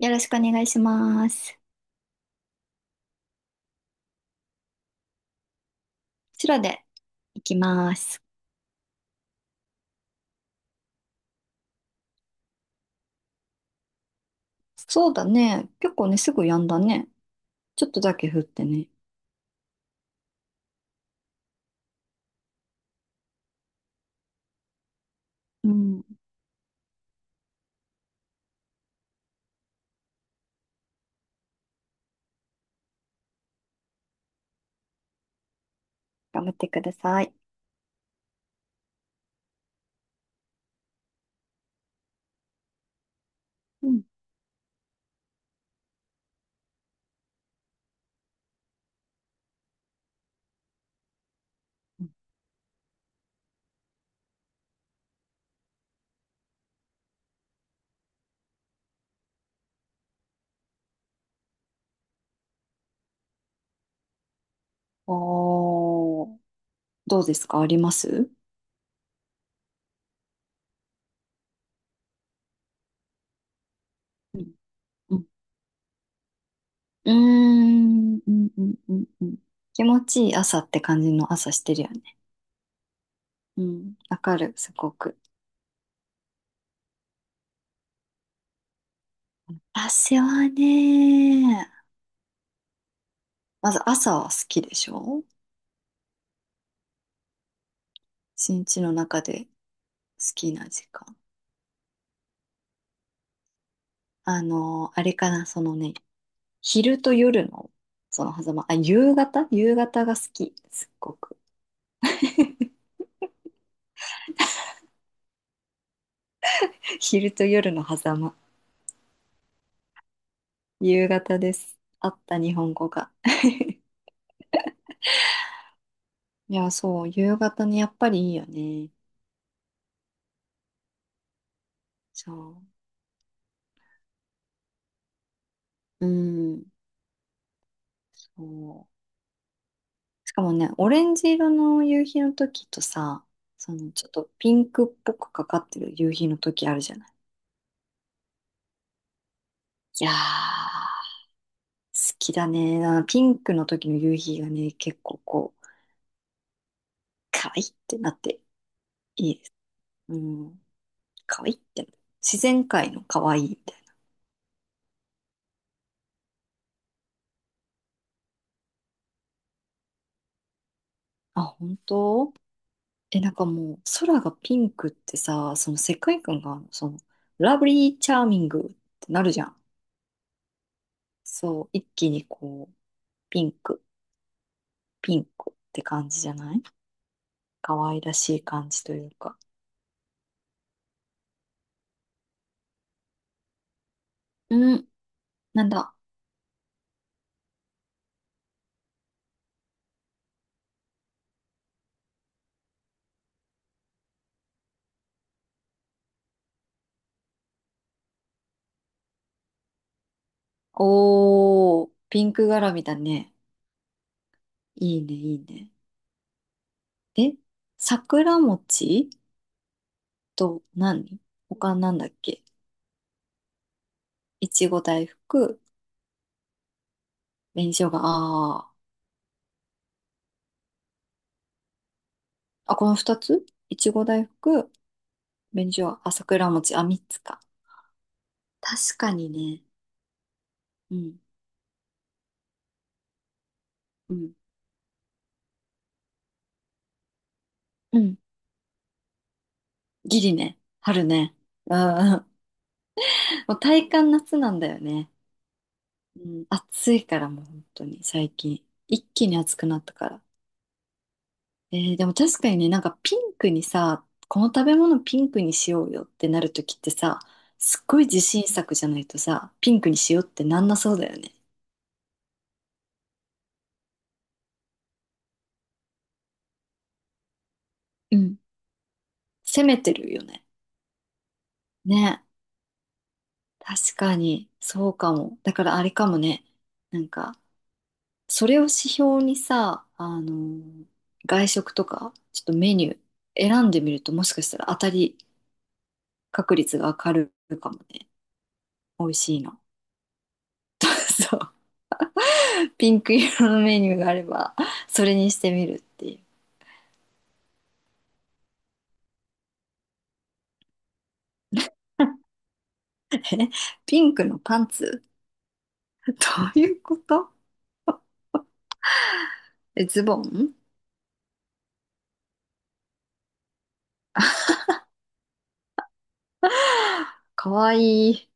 よろしくお願いします。白で行きます。そうだね。結構ね、すぐやんだね。ちょっとだけ降ってね。うん。頑張ってください。うん。おー、どうですか、あります？うんうん、うーんうんうんうんうん、気持ちいい朝って感じの朝してるよね。うん。わかる、すごく。私はね、まず朝は好きでしょ、一日の中で好きな時間。あの、あれかな、そのね、昼と夜の、その狭間、夕方、夕方が好き、すっごく。昼と夜の狭間、夕方です。あった、日本語が。いや、そう、夕方ね、やっぱりいいよね。そう。うん、そう。しかもね、オレンジ色の夕日の時とさ、そのちょっとピンクっぽくかかってる夕日の時あるじゃない。いやー、好きだね。あのピンクの時の夕日がね、結構こう、可愛いってなっていいです。うん、可愛いって、自然界の可愛いみたいな。あ、本当？え、なんかもう、空がピンクってさ、その世界観が、ラブリーチャーミングってなるじゃん。そう、一気にこう、ピンク、ピンクって感じじゃない？可愛らしい感じというか。うん、なんだ。おー、ピンク柄みだね。いいね、いいね。え、桜餅と何、他なんだっけ？いちご大福、紅生姜、あー、あ、この二つ、いちご大福、紅生姜、あ、桜餅、あ、三つか。確かにね。うん、うん、うん。ギリね。春ね。ああ、もう体感夏なんだよね。うん、暑いからもう本当に最近。一気に暑くなったから。えー、でも確かにね、なんかピンクにさ、この食べ物ピンクにしようよってなるときってさ、すっごい自信作じゃないとさ、ピンクにしようってなんなそうだよね。うん、攻めてるよね。ね。確かに、そうかも。だからあれかもね。なんか、それを指標にさ、外食とか、ちょっとメニュー選んでみると、もしかしたら当たり確率が上がるかもね。美味しいの。そう。ピンク色のメニューがあれば、それにしてみるっていう。ピンクのパンツ？ どういうこと？え、ズボン？かわいい。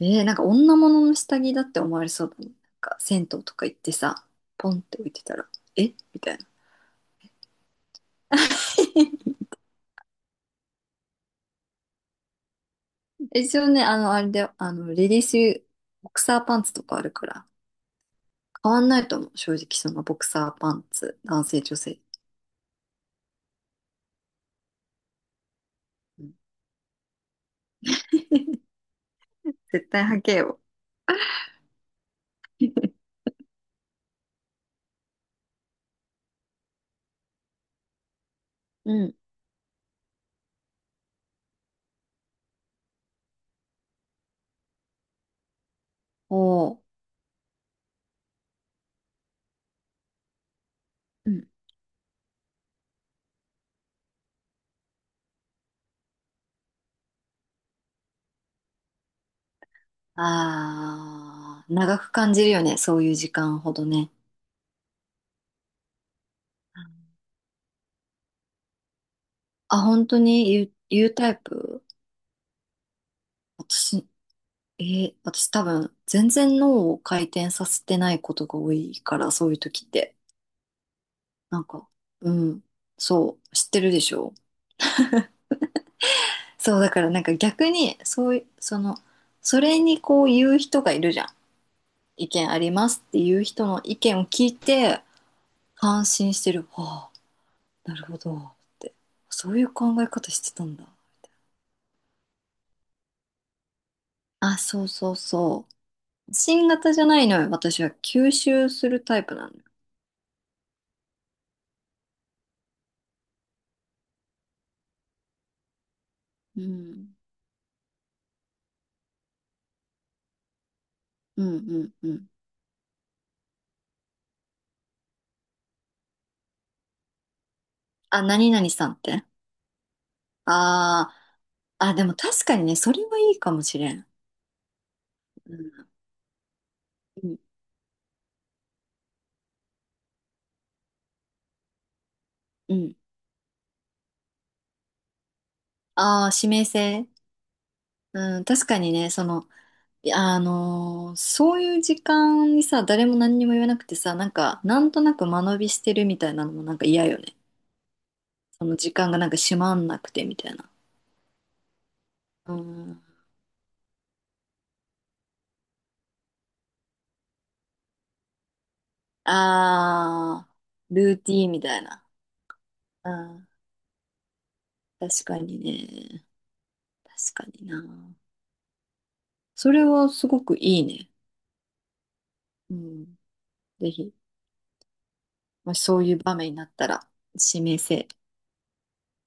えー、なんか女物の下着だって思われそうだね。なんか銭湯とか行ってさ、ポンって置いてたら、えみたいな。一応ね、あの、あれで、あの、レディース、ボクサーパンツとかあるから、変わんないと思う。正直、そのボクサーパンツ、男性、女性。うん。 絶対履けよ。うん。おー。うん。あー、長く感じるよね、そういう時間ほどね。あ、本当に言う、言うタイプ？私、私多分、全然脳を回転させてないことが多いから、そういう時って。なんか、うん、そう、知ってるでしょ？そう、だからなんか逆に、そういう、その、それにこう言う人がいるじゃん。意見ありますっていう人の意見を聞いて、感心してる。はあ、なるほど、って。そういう考え方してたんだ。あ、そうそうそう。新型じゃないのよ。私は吸収するタイプなのよ。うん。うんうんうん。あ、何々さんって。ああ、あ、でも確かにね、それはいいかもしれん。うん。うん。うん。ああ、指名制。うん、確かにね、その、いや、そういう時間にさ、誰も何にも言わなくてさ、なんか、なんとなく間延びしてるみたいなのもなんか嫌よね。その時間がなんか閉まんなくてみたいな。うん。ああ、ルーティーンみたいな。うん。確かにね。確かにな。それはすごくいいね。うん。ぜひ、まあ、そういう場面になったら、指名制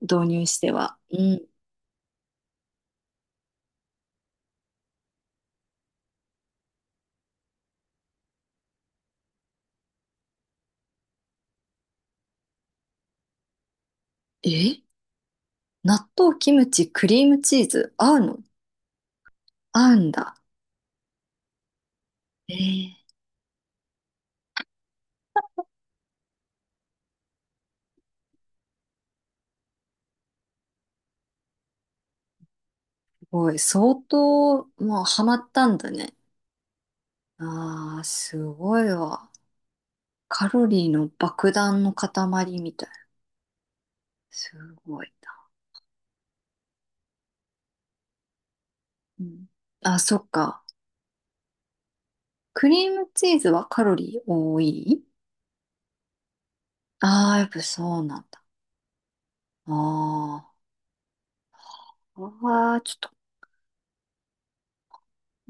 導入しては、うん。え、納豆、キムチ、クリームチーズ、合うの？合うんだ。えー、すごい。相当、もうハマったんだね。ああ、すごいわ。カロリーの爆弾の塊みたいな。すごいな。うん。あ、そっか。クリームチーズはカロリー多い？ああー、やっぱそうなんだ。ああ、ああ、ちょっと。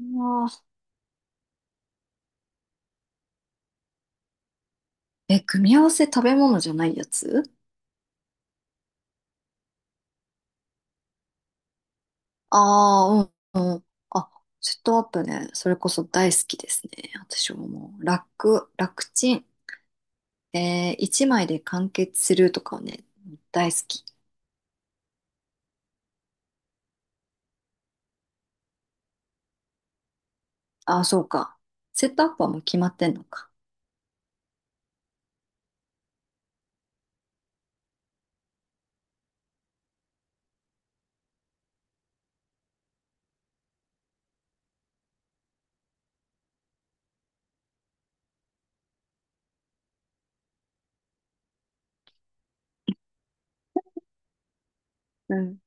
あー、え、組み合わせ、食べ物じゃないやつ？ああー、うん、うん。あ、セットアップね。それこそ大好きですね。私はもう、楽ちん。えー、一枚で完結するとかはね、大好き。ああ、そうか。セットアップはもう決まってんのか。うん。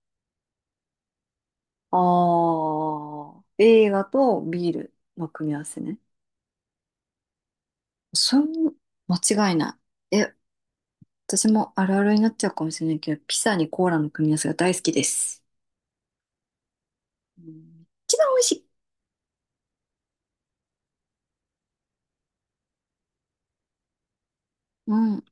ああ、映画とビールの組み合わせね。そん、間違いない。え、私もあるあるになっちゃうかもしれないけど、ピザにコーラの組み合わせが大好きです。うん、一番美味しい。うん